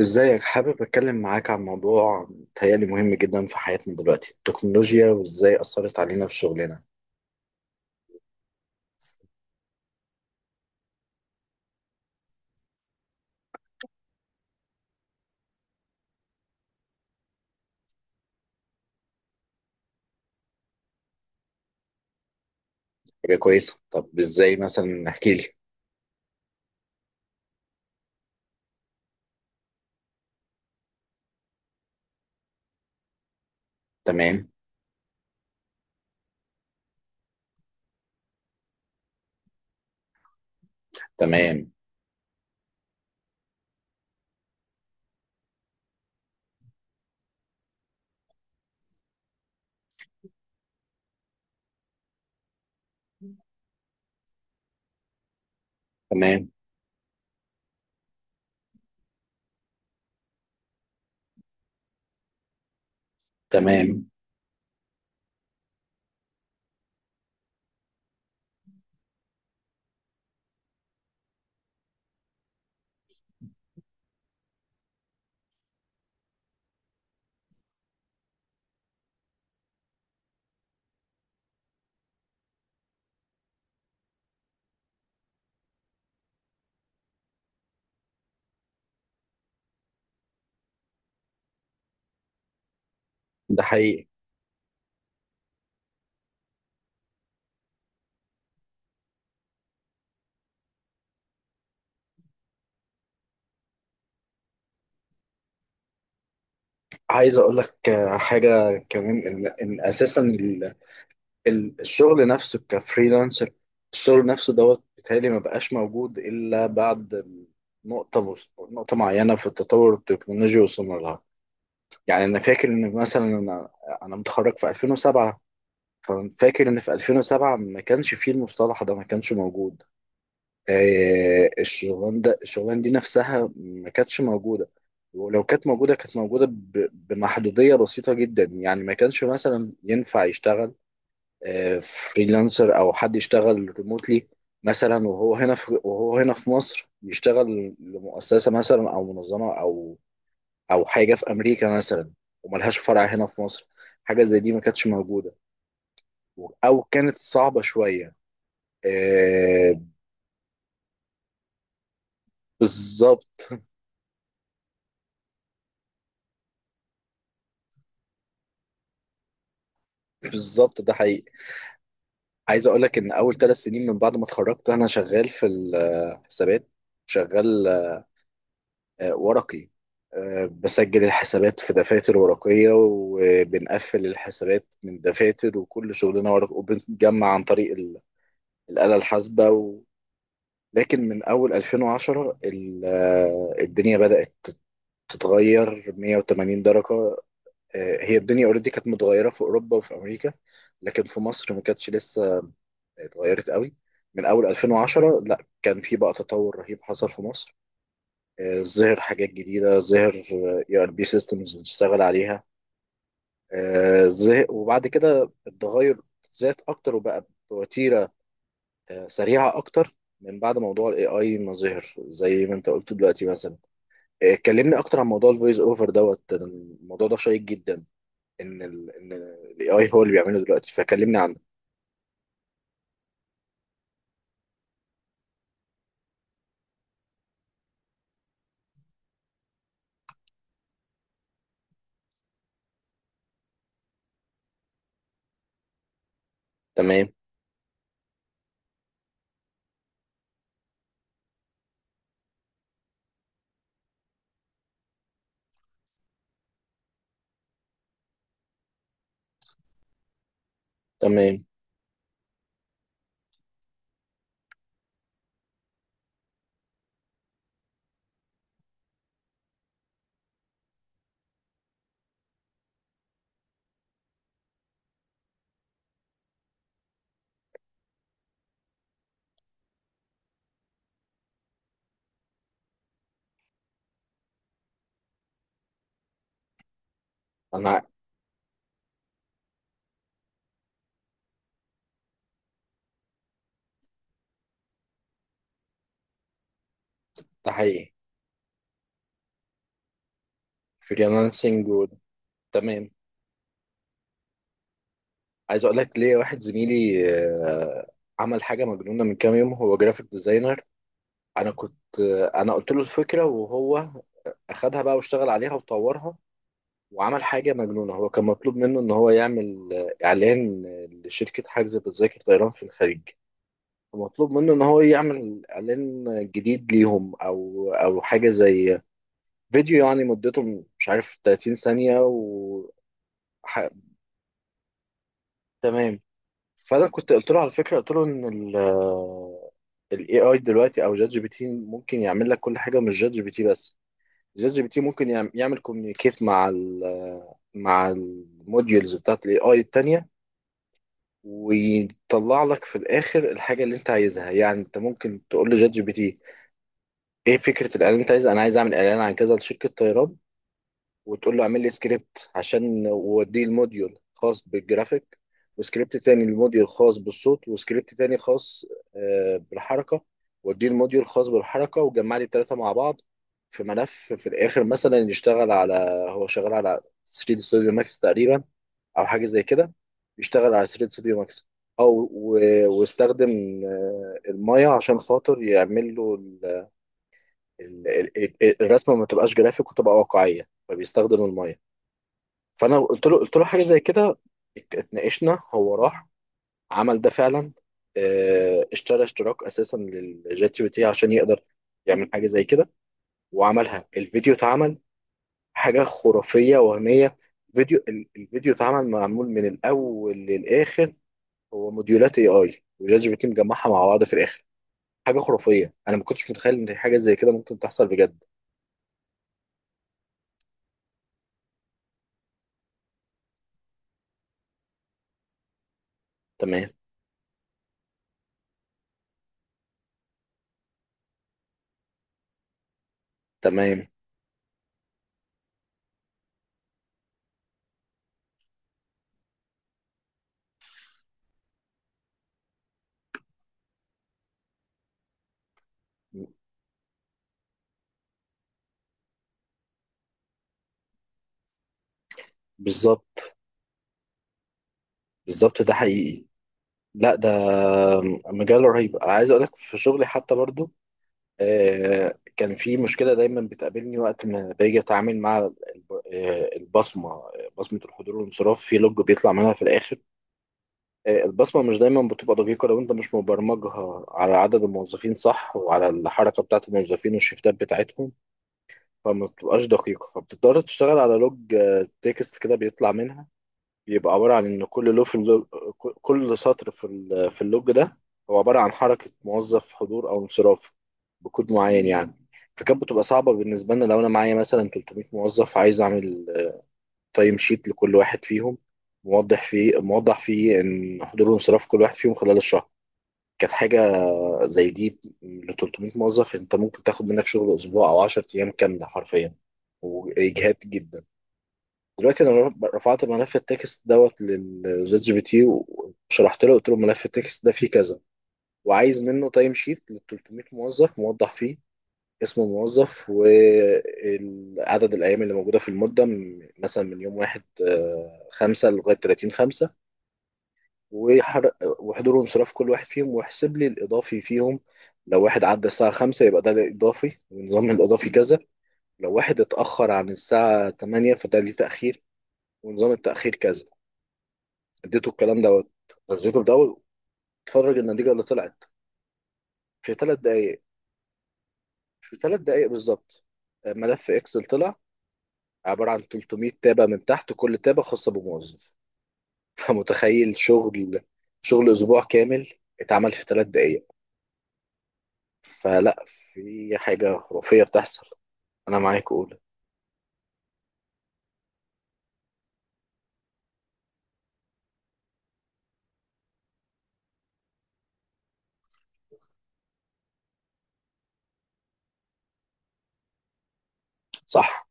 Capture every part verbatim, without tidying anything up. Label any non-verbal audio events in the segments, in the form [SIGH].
ازيك، حابب اتكلم معاك عن موضوع متهيألي مهم جدا في حياتنا دلوقتي، التكنولوجيا وازاي اثرت علينا في شغلنا؟ حاجه كويسه. طب ازاي مثلا؟ احكي لي. تمام. تمام. تمام. تمام. ده حقيقي. عايز اقول لك آه، حاجه كمان ان, إن اساسا ال- ال- الشغل نفسه كفريلانسر، الشغل نفسه دوت، بيتهيألي ما بقاش موجود الا بعد نقطه نقطه معينه في التطور التكنولوجي وصلنا لها. يعني انا فاكر ان مثلا انا انا متخرج في ألفين وسبعة. ففاكر ان في ألفين وسبعة ما كانش فيه المصطلح ده، ما كانش موجود. آه، الشغلان ده الشغلان دي نفسها ما كانتش موجودة. ولو كانت موجودة، كانت موجودة ب- بمحدودية بسيطة جدا، يعني ما كانش مثلا ينفع يشتغل آه، فريلانسر او حد يشتغل ريموتلي، مثلا وهو هنا في وهو هنا في مصر يشتغل لمؤسسة مثلا او منظمة او او حاجه في امريكا مثلا، وملهاش فرع هنا في مصر. حاجه زي دي ما كانتش موجوده، او كانت صعبه شويه. آه. بالظبط. [LAUGHS] بالظبط، ده حقيقي. عايز اقول لك ان اول ثلاث سنين من بعد ما اتخرجت انا شغال في الحسابات، شغال آه، ورقي، آه، بسجل الحسابات في دفاتر ورقية، وبنقفل الحسابات من دفاتر، وكل شغلنا ورق، وبنجمع عن طريق ال- الآلة الحاسبة. لكن من اول ألفين وعشرة ال- آه، الدنيا بدأت تتغير مائة وثمانين درجة. آه، هي الدنيا اوريدي كانت متغيرة في اوروبا وفي امريكا، لكن في مصر ما كانتش لسه اتغيرت قوي. من اول ألفين وعشرة لا، كان في بقى تطور رهيب حصل في مصر. آه، ظهر حاجات جديدة. ظهر اي ار بي سيستمز بتشتغل عليها. آه، ظه- وبعد كده التغير زاد اكتر، وبقى بوتيرة آه، سريعة اكتر، من بعد موضوع الاي اي ما ظهر زي ما انت قلت. دلوقتي مثلا اتكلمني اكتر عن موضوع الفويس اوفر دوت. الموضوع ده شيق جدا، ان ال ان الاي اي هو اللي بيعمله دلوقتي. فكلمني عنه. تمام. تمام. انا ده حقيقي. فريلانسنج و... تمام. عايز اقول لك ليه. واحد زميلي آه، عمل حاجه مجنونه من كام يوم، هو جرافيك ديزاينر. انا كنت آه، انا قلت له الفكره وهو اخدها بقى واشتغل عليها وطورها. وعمل حاجه مجنونه. هو كان مطلوب منه ان هو يعمل آه، اعلان آه، لشركه حجز تذاكر طيران في الخليج. مطلوب منه ان هو يعمل اعلان جديد ليهم، او او حاجه زي فيديو يعني، مدته مش عارف ثلاثين ثانيه و ح- تمام. فانا كنت قلت له على فكره، قلت له ان ال الاي اي دلوقتي او جات جي بي تي ممكن يعمل لك كل حاجه، مش جات جي بي تي بس. جات جي بي تي ممكن يعم- يعمل كوميونيكيت مع ال مع الموديولز بتاعت الاي اي التانيه، ويطلع لك في الاخر الحاجه اللي انت عايزها. يعني انت ممكن تقول لجات جي بي تي ايه فكرة الاعلان اللي انت عايز، انا عايز اعمل اعلان عن كذا لشركة طيران، وتقول له اعمل لي سكريبت عشان ووديه الموديول خاص بالجرافيك، وسكريبت تاني الموديول خاص بالصوت، وسكريبت تاني خاص آه، بالحركة، وديه الموديول خاص بالحركة، وجمع لي التلاتة مع بعض في ملف في الاخر. مثلا يشتغل على هو شغال على تري ستوديو ماكس تقريبا، او حاجة زي كده، يشتغل على ثلاثة ستوديو ماكس، او و- واستخدم آه، المايه عشان خاطر يعمل له ال- ال- ال- الرسمه ما تبقاش جرافيك وتبقى واقعيه، فبيستخدم الميه. فانا قلت له قلت له حاجه زي كده، ات- اتناقشنا، هو راح عمل ده فعلا. اه، اشترى اشتراك اساسا للجات جي بي تي عشان يقدر يعمل حاجه زي كده، وعملها. الفيديو اتعمل حاجه خرافيه وهميه. فيديو ال- الفيديو اتعمل، معمول من الاول للاخر، هو موديولات اي اي وجات جي بي تي مجمعها مع بعض في الاخر. حاجه خرافيه، انا ما كنتش متخيل ان حاجه زي كده ممكن تحصل بجد. تمام. تمام. بالظبط. بالظبط، ده حقيقي. لا، ده مجال رهيب. عايز اقول لك في شغلي حتى برضو، آه، كان في مشكله دايما بتقابلني وقت ما باجي اتعامل مع الب- آه، البصمه، بصمه الحضور والانصراف، في لوج بيطلع منها في الاخر. آه، البصمه مش دايما بتبقى دقيقه لو انت مش مبرمجها على عدد الموظفين صح وعلى الحركه بتاعه الموظفين والشيفتات بتاعتهم، فما بتبقاش دقيقه. فبتضطر تشتغل على لوج آه، تكست كده بيطلع منها، بيبقى عبارة عن إن كل لو في اللو... كل سطر في ال... في اللوج ده هو عبارة عن حركة موظف، حضور أو انصراف بكود معين يعني. فكانت بتبقى صعبة بالنسبة لنا لو أنا معايا مثلا تلتمية موظف، عايز أعمل تايم شيت لكل واحد فيهم، موضح فيه موضح فيه إن حضور وانصراف كل واحد فيهم خلال الشهر. كانت حاجة زي دي ل تلتمية موظف، أنت ممكن تاخد منك شغل أسبوع أو عشرة أيام كاملة حرفيا، وإجهاد جدا. دلوقتي انا رف- رفعت ملف التكست دوت للشات جي بي تي، وشرحت له، قلت له ملف التكست ده فيه كذا، وعايز منه تايم شيت لل تلتمية موظف موضح فيه اسم الموظف وعدد الايام اللي موجوده في المده من- مثلا من يوم واحد خمسة لغايه تلاتين خمسة، وحر- وحضور وانصراف كل واحد فيهم، ويحسب لي الاضافي فيهم. لو واحد عدى الساعه خمسة يبقى ده الاضافي، ونظام الاضافي كذا. لو واحد اتاخر عن الساعه تمانية فده ليه تاخير، ونظام التأخير كذا. اديته الكلام دوت، غذيته بدواء، اتفرج النتيجه اللي طلعت في ثلاث دقائق. في ثلاث دقائق بالظبط، آه، ملف اكسل طلع عباره عن تلتمية تابه، من تحت كل تابه خاصه بموظف. [LAUGHS] فمتخيل شغل، شغل اسبوع كامل اتعمل في ثلاث دقائق! فلا، في حاجه خرافيه بتحصل. انا معاك اقول. صح.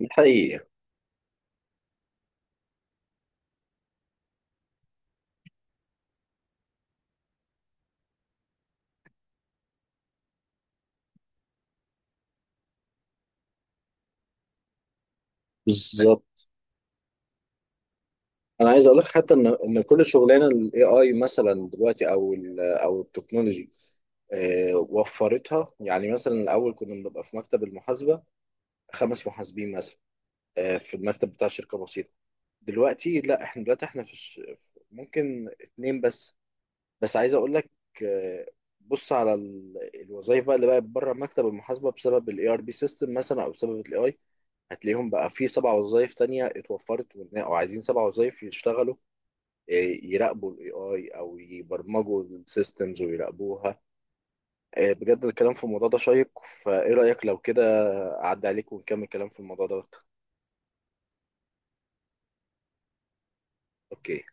ده حقيقي. بالظبط. انا عايز اقول لك حتى ان ان كل شغلانه الاي اي مثلا دلوقتي او ال او التكنولوجي آه، وفرتها. يعني مثلا الاول كنا بنبقى في مكتب المحاسبه خمس محاسبين مثلا، آه، في المكتب بتاع شركه بسيطه. دلوقتي لا، احنا دلوقتي احنا في الش... ممكن اتنين بس. بس عايز اقول لك، آه، بص على ال- الوظايف بقى اللي بقت بره مكتب المحاسبه بسبب الاي ار بي سيستم مثلا او بسبب الاي اي، هتلاقيهم بقى في سبع وظايف تانية اتوفرت، وإن- او عايزين سبع وظايف يشتغلوا، يراقبوا الاي اي او يبرمجوا السيستمز ويراقبوها. آه، بجد الكلام في الموضوع ده شيق. فايه رأيك لو كده، اعدي عليك ونكمل كلام في الموضوع ده؟ اوكي.